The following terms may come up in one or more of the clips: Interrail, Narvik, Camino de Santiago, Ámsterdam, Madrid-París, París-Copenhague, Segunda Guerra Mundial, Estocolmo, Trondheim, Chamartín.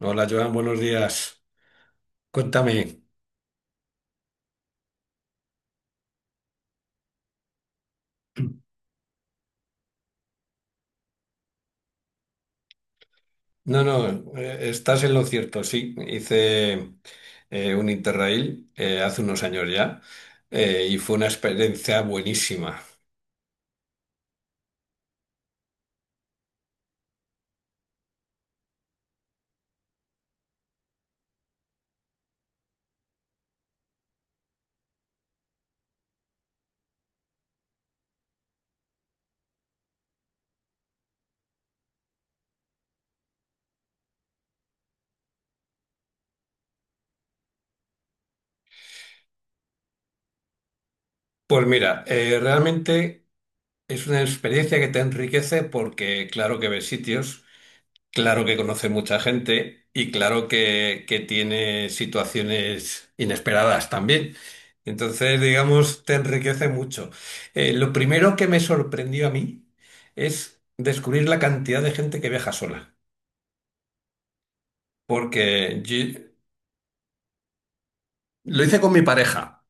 Hola Joan, buenos días. Cuéntame. No, no, estás en lo cierto, sí. Hice un Interrail hace unos años ya y fue una experiencia buenísima. Pues mira, realmente es una experiencia que te enriquece porque claro que ves sitios. Claro que conoce mucha gente y claro que tiene situaciones inesperadas también. Entonces, digamos, te enriquece mucho. Lo primero que me sorprendió a mí es descubrir la cantidad de gente que viaja sola. Porque lo hice con mi pareja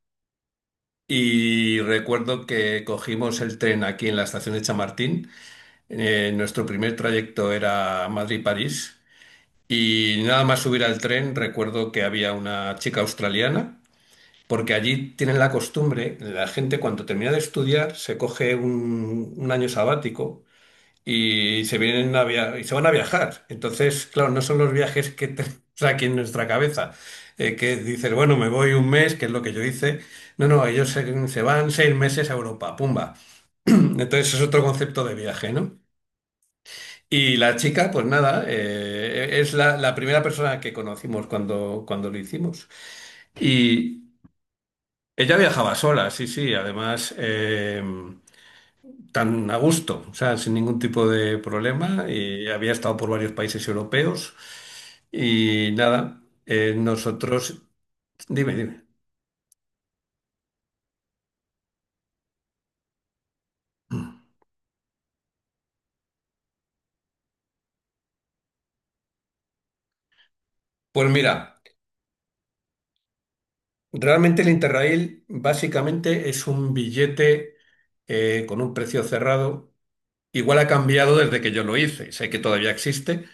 y recuerdo que cogimos el tren aquí en la estación de Chamartín. Nuestro primer trayecto era Madrid-París. Y nada más subir al tren, recuerdo que había una chica australiana, porque allí tienen la costumbre, la gente cuando termina de estudiar se coge un año sabático y se vienen a via- y se van a viajar. Entonces, claro, no son los viajes que tenemos aquí en nuestra cabeza, que dices, bueno, me voy un mes, que es lo que yo hice. No, no, ellos se van 6 meses a Europa, pumba. Entonces es otro concepto de viaje, ¿no? Y la chica, pues nada, es la primera persona que conocimos cuando, cuando lo hicimos. Y ella viajaba sola, sí, sí, además tan a gusto, o sea, sin ningún tipo de problema. Y había estado por varios países europeos. Y nada, nosotros, dime, dime. Pues mira, realmente el Interrail básicamente es un billete con un precio cerrado. Igual ha cambiado desde que yo lo hice. Sé que todavía existe,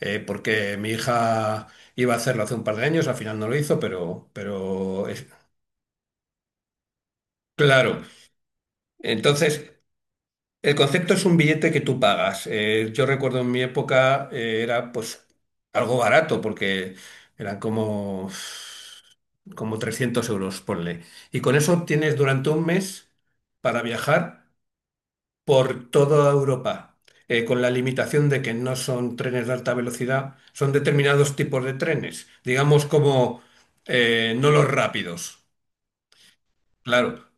porque mi hija iba a hacerlo hace un par de años, al final no lo hizo, pero claro. Entonces, el concepto es un billete que tú pagas. Yo recuerdo en mi época era pues algo barato, porque eran como 300 euros, ponle. Y con eso tienes durante un mes para viajar por toda Europa, con la limitación de que no son trenes de alta velocidad, son determinados tipos de trenes, digamos como no los rápidos. Claro,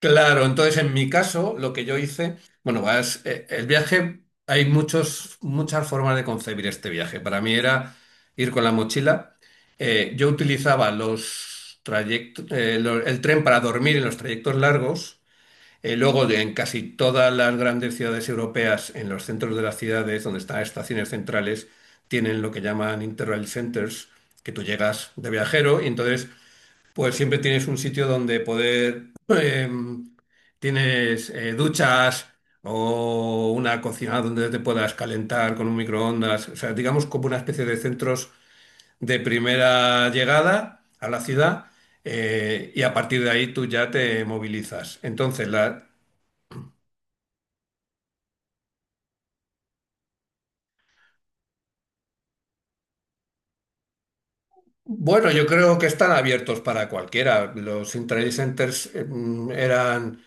claro. Entonces, en mi caso, lo que yo hice, bueno, vas, el viaje, hay muchos, muchas formas de concebir este viaje. Para mí era ir con la mochila. Yo utilizaba los trayectos, el tren para dormir en los trayectos largos. Luego, en casi todas las grandes ciudades europeas, en los centros de las ciudades, donde están estaciones centrales, tienen lo que llaman Interrail Centers, que tú llegas de viajero y entonces, pues siempre tienes un sitio donde poder, tienes duchas o una cocina donde te puedas calentar con un microondas, o sea, digamos como una especie de centros de primera llegada a la ciudad y a partir de ahí tú ya te movilizas. Bueno, yo creo que están abiertos para cualquiera. Los intraday centers eran,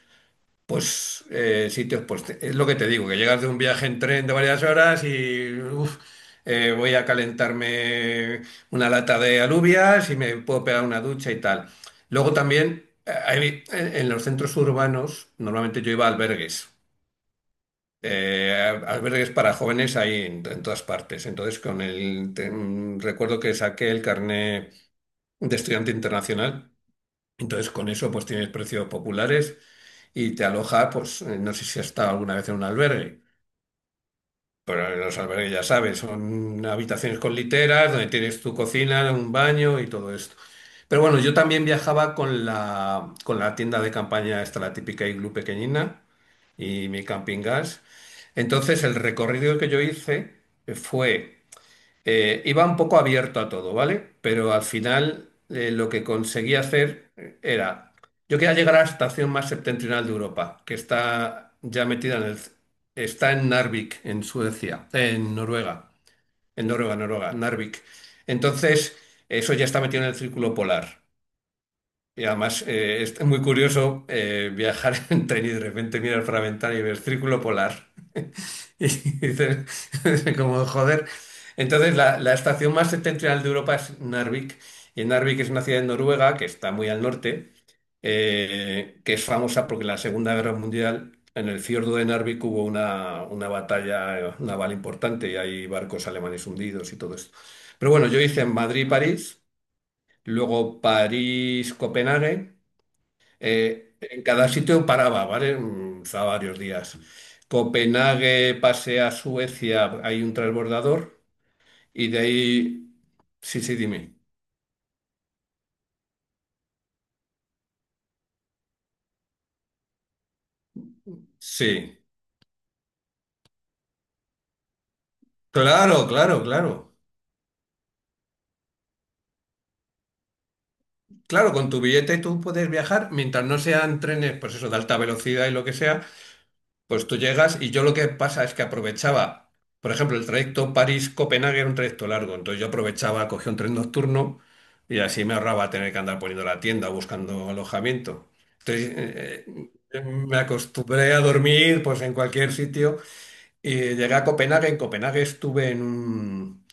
pues, sitios, pues, es lo que te digo, que llegas de un viaje en tren de varias horas y, uf, voy a calentarme una lata de alubias y me puedo pegar una ducha y tal. Luego también, en los centros urbanos, normalmente yo iba a albergues. eh, albergues para jóvenes ahí en todas partes. Entonces, con el, te- mm, recuerdo que saqué el carné de estudiante internacional. Entonces, con eso, pues tienes precios populares y te aloja, pues no sé si has estado alguna vez en un albergue, pero en los albergues ya sabes, son habitaciones con literas, donde tienes tu cocina, un baño y todo esto. Pero bueno, yo también viajaba con la tienda de campaña, esta la típica iglú pequeñina y mi camping gas. Entonces, el recorrido que yo hice fue iba un poco abierto a todo, ¿vale? Pero al final lo que conseguía hacer era, yo quería llegar a la estación más septentrional de Europa, que está ya metida está en Narvik, en Suecia, en Noruega, Noruega, Narvik. Entonces, eso ya está metido en el Círculo Polar. Y además es muy curioso viajar en tren y de repente mirar por la ventana y ver Círculo Polar. Y dices, como joder. Entonces, la estación más septentrional de Europa es Narvik. Y Narvik es una ciudad en Noruega que está muy al norte, que es famosa porque en la Segunda Guerra Mundial, en el fiordo de Narvik hubo una batalla naval importante y hay barcos alemanes hundidos y todo esto. Pero bueno, yo hice en Madrid-París, luego París-Copenhague. En cada sitio paraba, ¿vale? Estaba varios días. Copenhague, pasé a Suecia, hay un transbordador. Y de ahí. Sí, sí, dime. Sí. Claro, claro, claro. Claro, con tu billete tú puedes viajar mientras no sean trenes, pues eso, de alta velocidad y lo que sea. Pues tú llegas y yo lo que pasa es que aprovechaba, por ejemplo, el trayecto París-Copenhague era un trayecto largo, entonces yo aprovechaba, cogía un tren nocturno y así me ahorraba tener que andar poniendo la tienda, buscando alojamiento. Entonces me acostumbré a dormir pues en cualquier sitio y llegué a Copenhague. En Copenhague estuve en un,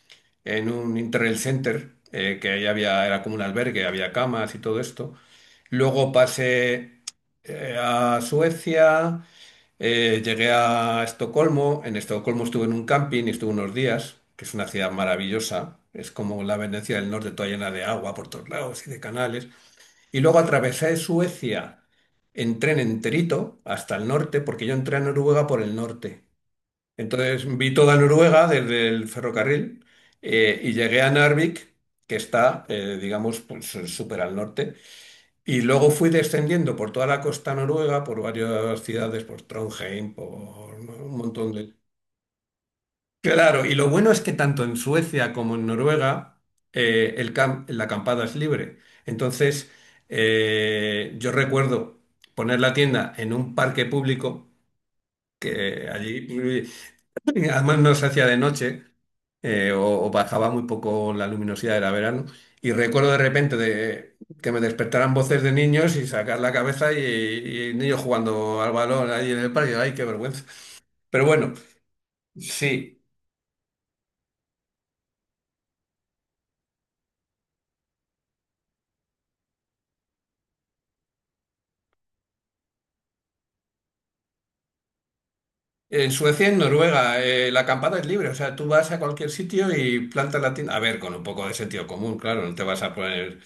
en un Interrail Center, que ahí había, era como un albergue, había camas y todo esto. Luego pasé a Suecia. Llegué a Estocolmo, en Estocolmo estuve en un camping y estuve unos días, que es una ciudad maravillosa, es como la Venecia del Norte, toda llena de agua por todos lados y de canales. Y luego atravesé Suecia en tren enterito hasta el norte, porque yo entré a Noruega por el norte. Entonces vi toda Noruega desde el ferrocarril y llegué a Narvik, que está, digamos, pues, súper al norte. Y luego fui descendiendo por toda la costa noruega, por varias ciudades, por Trondheim, por un montón de... Claro, y lo bueno es que tanto en Suecia como en Noruega la acampada es libre. Entonces, yo recuerdo poner la tienda en un parque público, que allí, además no se hacía de noche, o bajaba muy poco la luminosidad, era verano. Y recuerdo de repente que me despertaran voces de niños y sacar la cabeza y niños jugando al balón ahí en el parque. ¡Ay, qué vergüenza! Pero bueno, sí. En Suecia y en Noruega, la acampada es libre, o sea, tú vas a cualquier sitio y plantas la tienda. A ver, con un poco de sentido común, claro, no te vas a poner.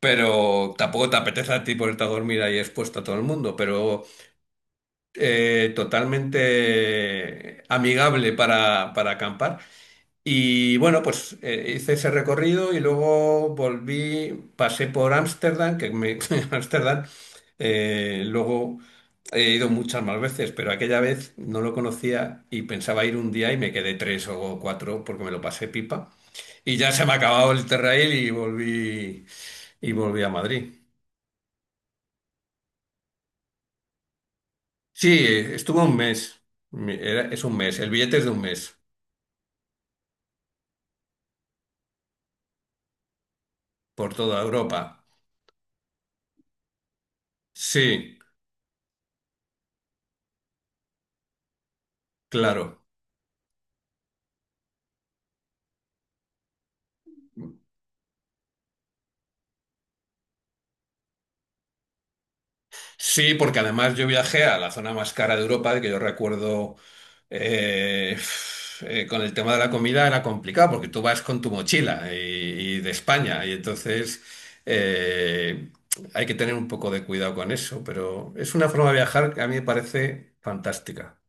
Pero tampoco te apetece a ti ponerte a dormir ahí expuesto a todo el mundo, pero totalmente amigable para acampar. Y bueno, pues hice ese recorrido y luego volví, pasé por Ámsterdam, Ámsterdam, luego he ido muchas más veces, pero aquella vez no lo conocía y pensaba ir un día y me quedé tres o cuatro porque me lo pasé pipa. Y ya se me ha acabado el Terrail y volví a Madrid. Sí, estuve un mes. Es un mes, el billete es de un mes, por toda Europa. Sí, claro. Sí, porque además yo viajé a la zona más cara de Europa, de que yo recuerdo eh, con el tema de la comida era complicado, porque tú vas con tu mochila y de España, y entonces eh, hay que tener un poco de cuidado con eso, pero es una forma de viajar que a mí me parece fantástica.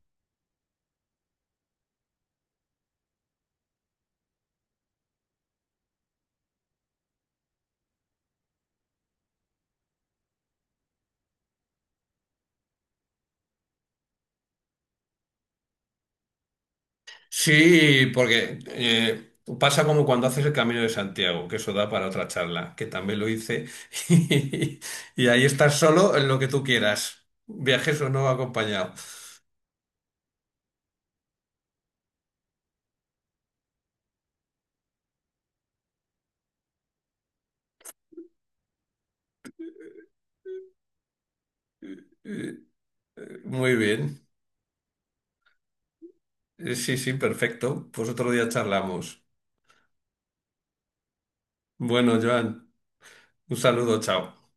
Sí, porque pasa como cuando haces el Camino de Santiago, que eso da para otra charla, que también lo hice, y, ahí estás solo en lo que tú quieras, viajes o no acompañado. Eh, Muy bien. Sí, sí, perfecto, pues otro día charlamos. Bueno, Joan, un saludo, chao.